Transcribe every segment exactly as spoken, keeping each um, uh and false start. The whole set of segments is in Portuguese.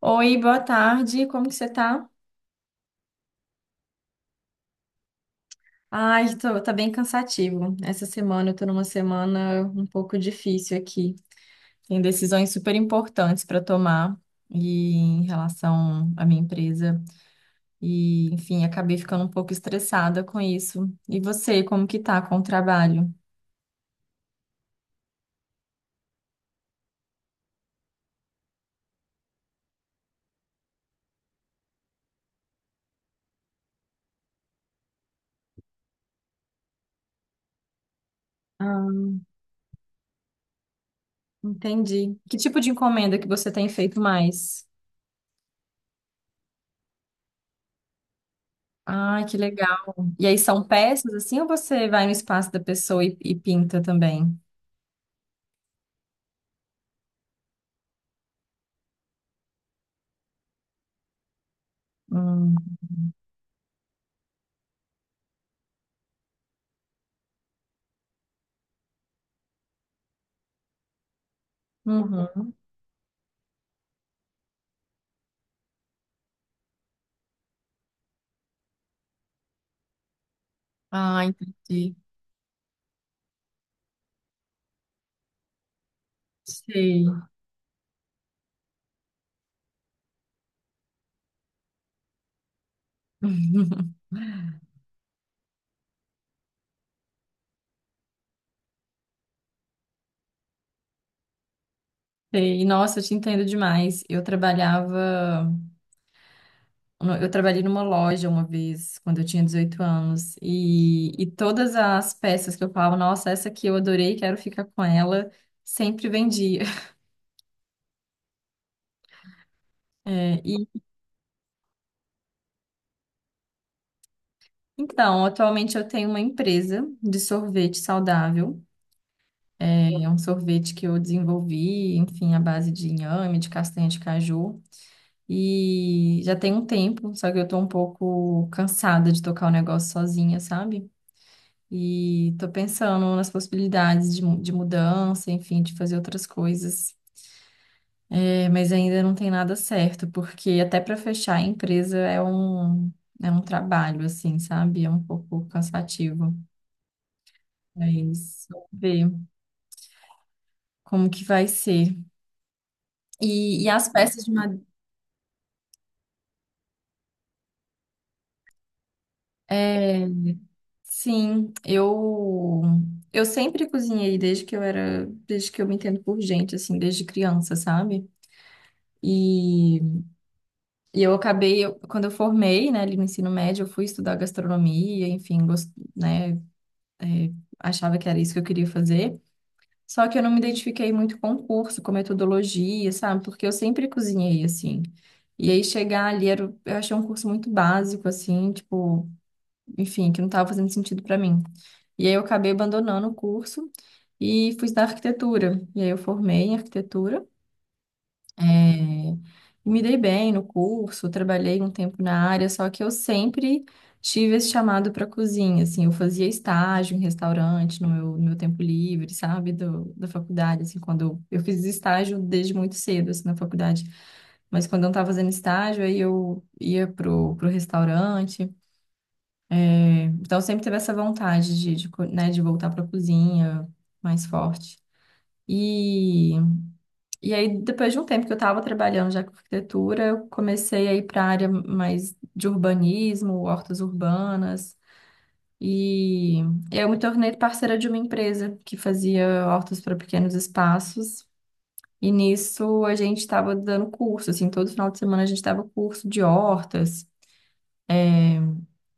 Oi, boa tarde, como que você tá? Ai, tô, tá bem cansativo. Essa semana eu tô numa semana um pouco difícil aqui. Tem decisões super importantes para tomar e em relação à minha empresa. E, enfim, acabei ficando um pouco estressada com isso. E você, como que tá com o trabalho? Ah, entendi. Que tipo de encomenda que você tem feito mais? Ai, que legal. E aí são peças assim ou você vai no espaço da pessoa e, e pinta também? Hum. Uhum. Ah, entendi. Sei. Sei. Nossa, eu te entendo demais. Eu trabalhava, eu trabalhei numa loja uma vez, quando eu tinha dezoito anos, e, e todas as peças que eu falava, nossa, essa aqui eu adorei, quero ficar com ela, sempre vendia. É, e então, atualmente eu tenho uma empresa de sorvete saudável. É é um sorvete que eu desenvolvi, enfim, à base de inhame, de castanha de caju. E já tem um tempo, só que eu tô um pouco cansada de tocar o negócio sozinha, sabe? E tô pensando nas possibilidades de, mu- de mudança, enfim, de fazer outras coisas. É, mas ainda não tem nada certo, porque até para fechar a empresa é um, é um trabalho, assim, sabe? É um pouco cansativo. Mas vamos ver como que vai ser. E, e as peças de madeira. Sim, eu eu sempre cozinhei desde que eu era, desde que eu me entendo por gente, assim, desde criança, sabe? E, e eu acabei, eu- Quando eu formei, né, ali no ensino médio, eu fui estudar gastronomia, enfim, gost, né, é, achava que era isso que eu queria fazer. Só que eu não me identifiquei muito com o curso, com metodologia, sabe? Porque eu sempre cozinhei, assim. E aí chegar ali, era, o- Eu achei um curso muito básico, assim, tipo, enfim, que não estava fazendo sentido para mim. E aí eu acabei abandonando o curso e fui estudar arquitetura. E aí eu formei em arquitetura, eh, e me dei bem no curso, trabalhei um tempo na área, só que eu sempre tive esse chamado para cozinha, assim, eu fazia estágio em restaurante no meu, no meu tempo livre, sabe, do, da faculdade, assim, quando eu, eu fiz estágio desde muito cedo, assim, na faculdade. Mas quando eu não estava fazendo estágio, aí eu ia pro, pro restaurante, então, eu sempre teve essa vontade de, de, co- né, de voltar para a cozinha mais forte. E, e aí, depois de um tempo que eu estava trabalhando já com arquitetura, eu comecei a ir para a área mais de urbanismo, hortas urbanas. E eu me tornei parceira de uma empresa que fazia hortas para pequenos espaços. E nisso a gente estava dando curso, assim, todo final de semana a gente dava curso de hortas.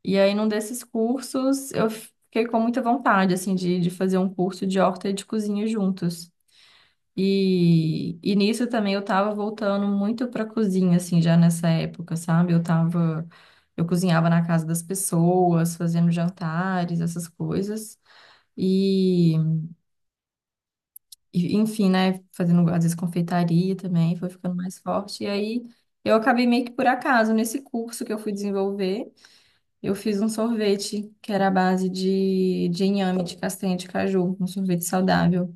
E aí, num desses cursos, eu fiquei com muita vontade, assim, de, de fazer um curso de horta e de cozinha juntos. E, e nisso também eu tava voltando muito pra cozinha, assim, já nessa época, sabe? Eu tava, eu cozinhava na casa das pessoas, fazendo jantares, essas coisas. E, e, enfim, né? Fazendo, às vezes, confeitaria também, foi ficando mais forte. E aí, eu acabei meio que por acaso nesse curso que eu fui desenvolver. Eu fiz um sorvete que era à base de, de inhame, de castanha de caju, um sorvete saudável.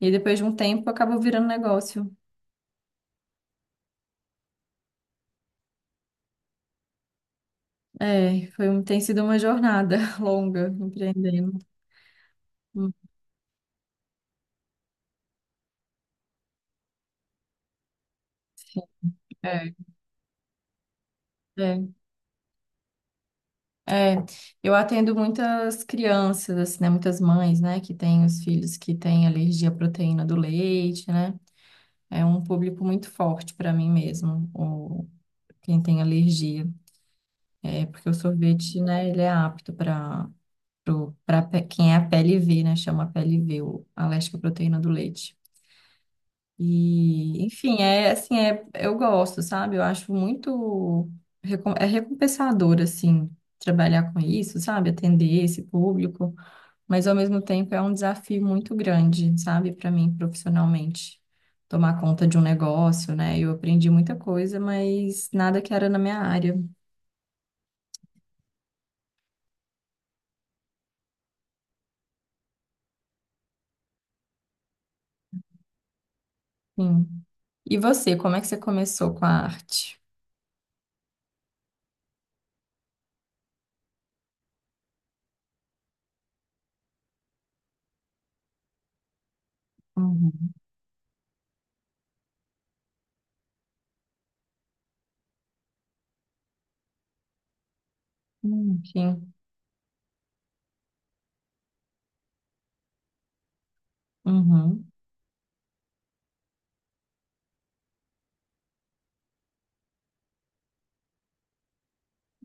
E aí, depois de um tempo acabou virando negócio. É, foi, um- tem sido uma jornada longa empreendendo. Hum, sim. É, é, é. Eu atendo muitas crianças, assim, né? Muitas mães, né? Que têm os filhos que têm alergia à proteína do leite, né? É um público muito forte para mim mesmo, o, quem tem alergia. É, porque o sorvete, né? Ele é apto para para quem é a P L V, né? Chama P L V o- a lactoproteína do leite. E, enfim, é assim, é, Eu gosto, sabe? Eu acho muito recom- é recompensador, assim, trabalhar com isso, sabe? Atender esse público, mas ao mesmo tempo é um desafio muito grande, sabe, para mim profissionalmente. Tomar conta de um negócio, né? Eu aprendi muita coisa, mas nada que era na minha área. Sim. E você, como é que você começou com a arte? Uhum. Hum, sim. Uhum,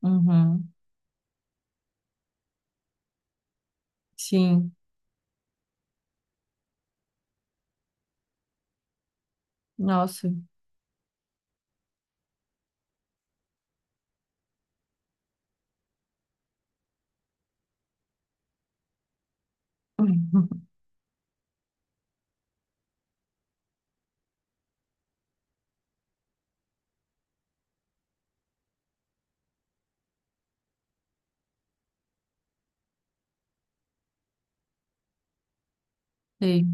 uhum, sim, nossa, sei,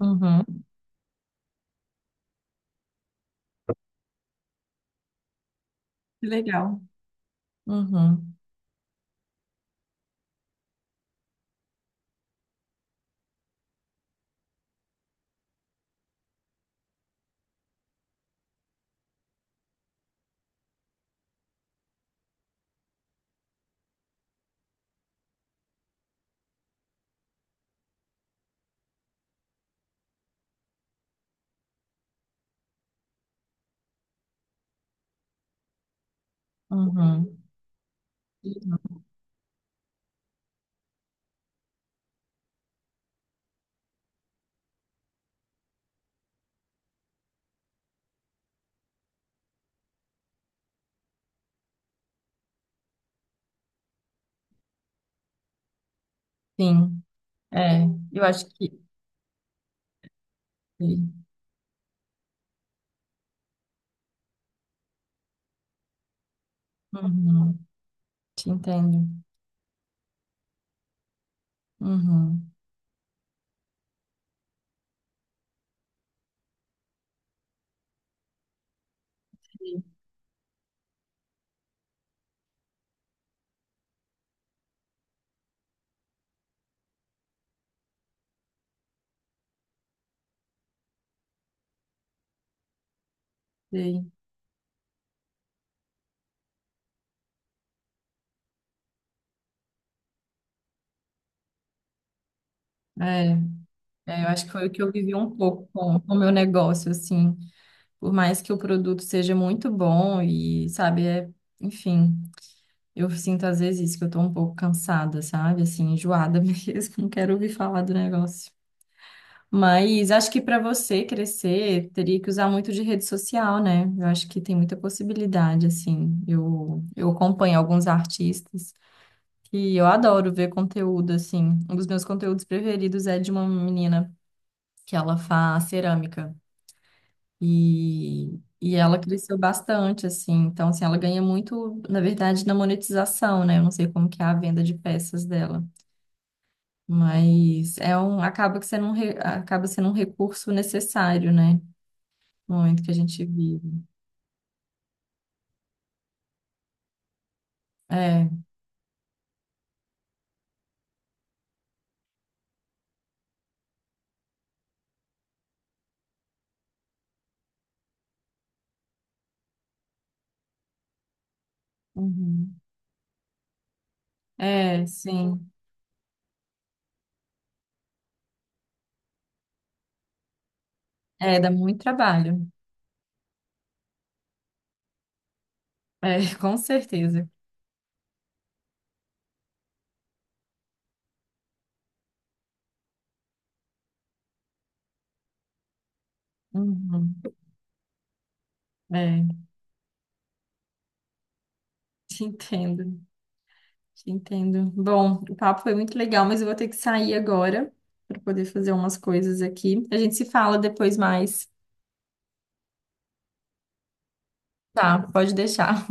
uhum. Que legal. Uhum, uhum, sim, é, eu acho que, sei. Uhum, te entendo, uhum, sei, sei. É, é, eu acho que foi o que eu vivi um pouco com com o meu negócio, assim, por mais que o produto seja muito bom e, sabe, é, enfim, eu sinto às vezes isso, que eu tô um pouco cansada, sabe, assim, enjoada mesmo, não quero ouvir falar do negócio. Mas acho que para você crescer, teria que usar muito de rede social, né? Eu acho que tem muita possibilidade, assim. Eu, eu acompanho alguns artistas que eu adoro ver conteúdo, assim. Um dos meus conteúdos preferidos é de uma menina que ela faz cerâmica. E, e ela cresceu bastante, assim. Então, assim, ela ganha muito, na verdade, na monetização, né? Eu não sei como que é a venda de peças dela. Mas é um, acaba que sendo um, re- acaba sendo um recurso necessário, né? Muito que a gente vive. É, uhum. É, sim. É, dá muito trabalho. É, com certeza. Uhum. É, te entendo, te entendo. Bom, o papo foi muito legal, mas eu vou ter que sair agora para poder fazer umas coisas aqui. A gente se fala depois mais. Tá, pode deixar.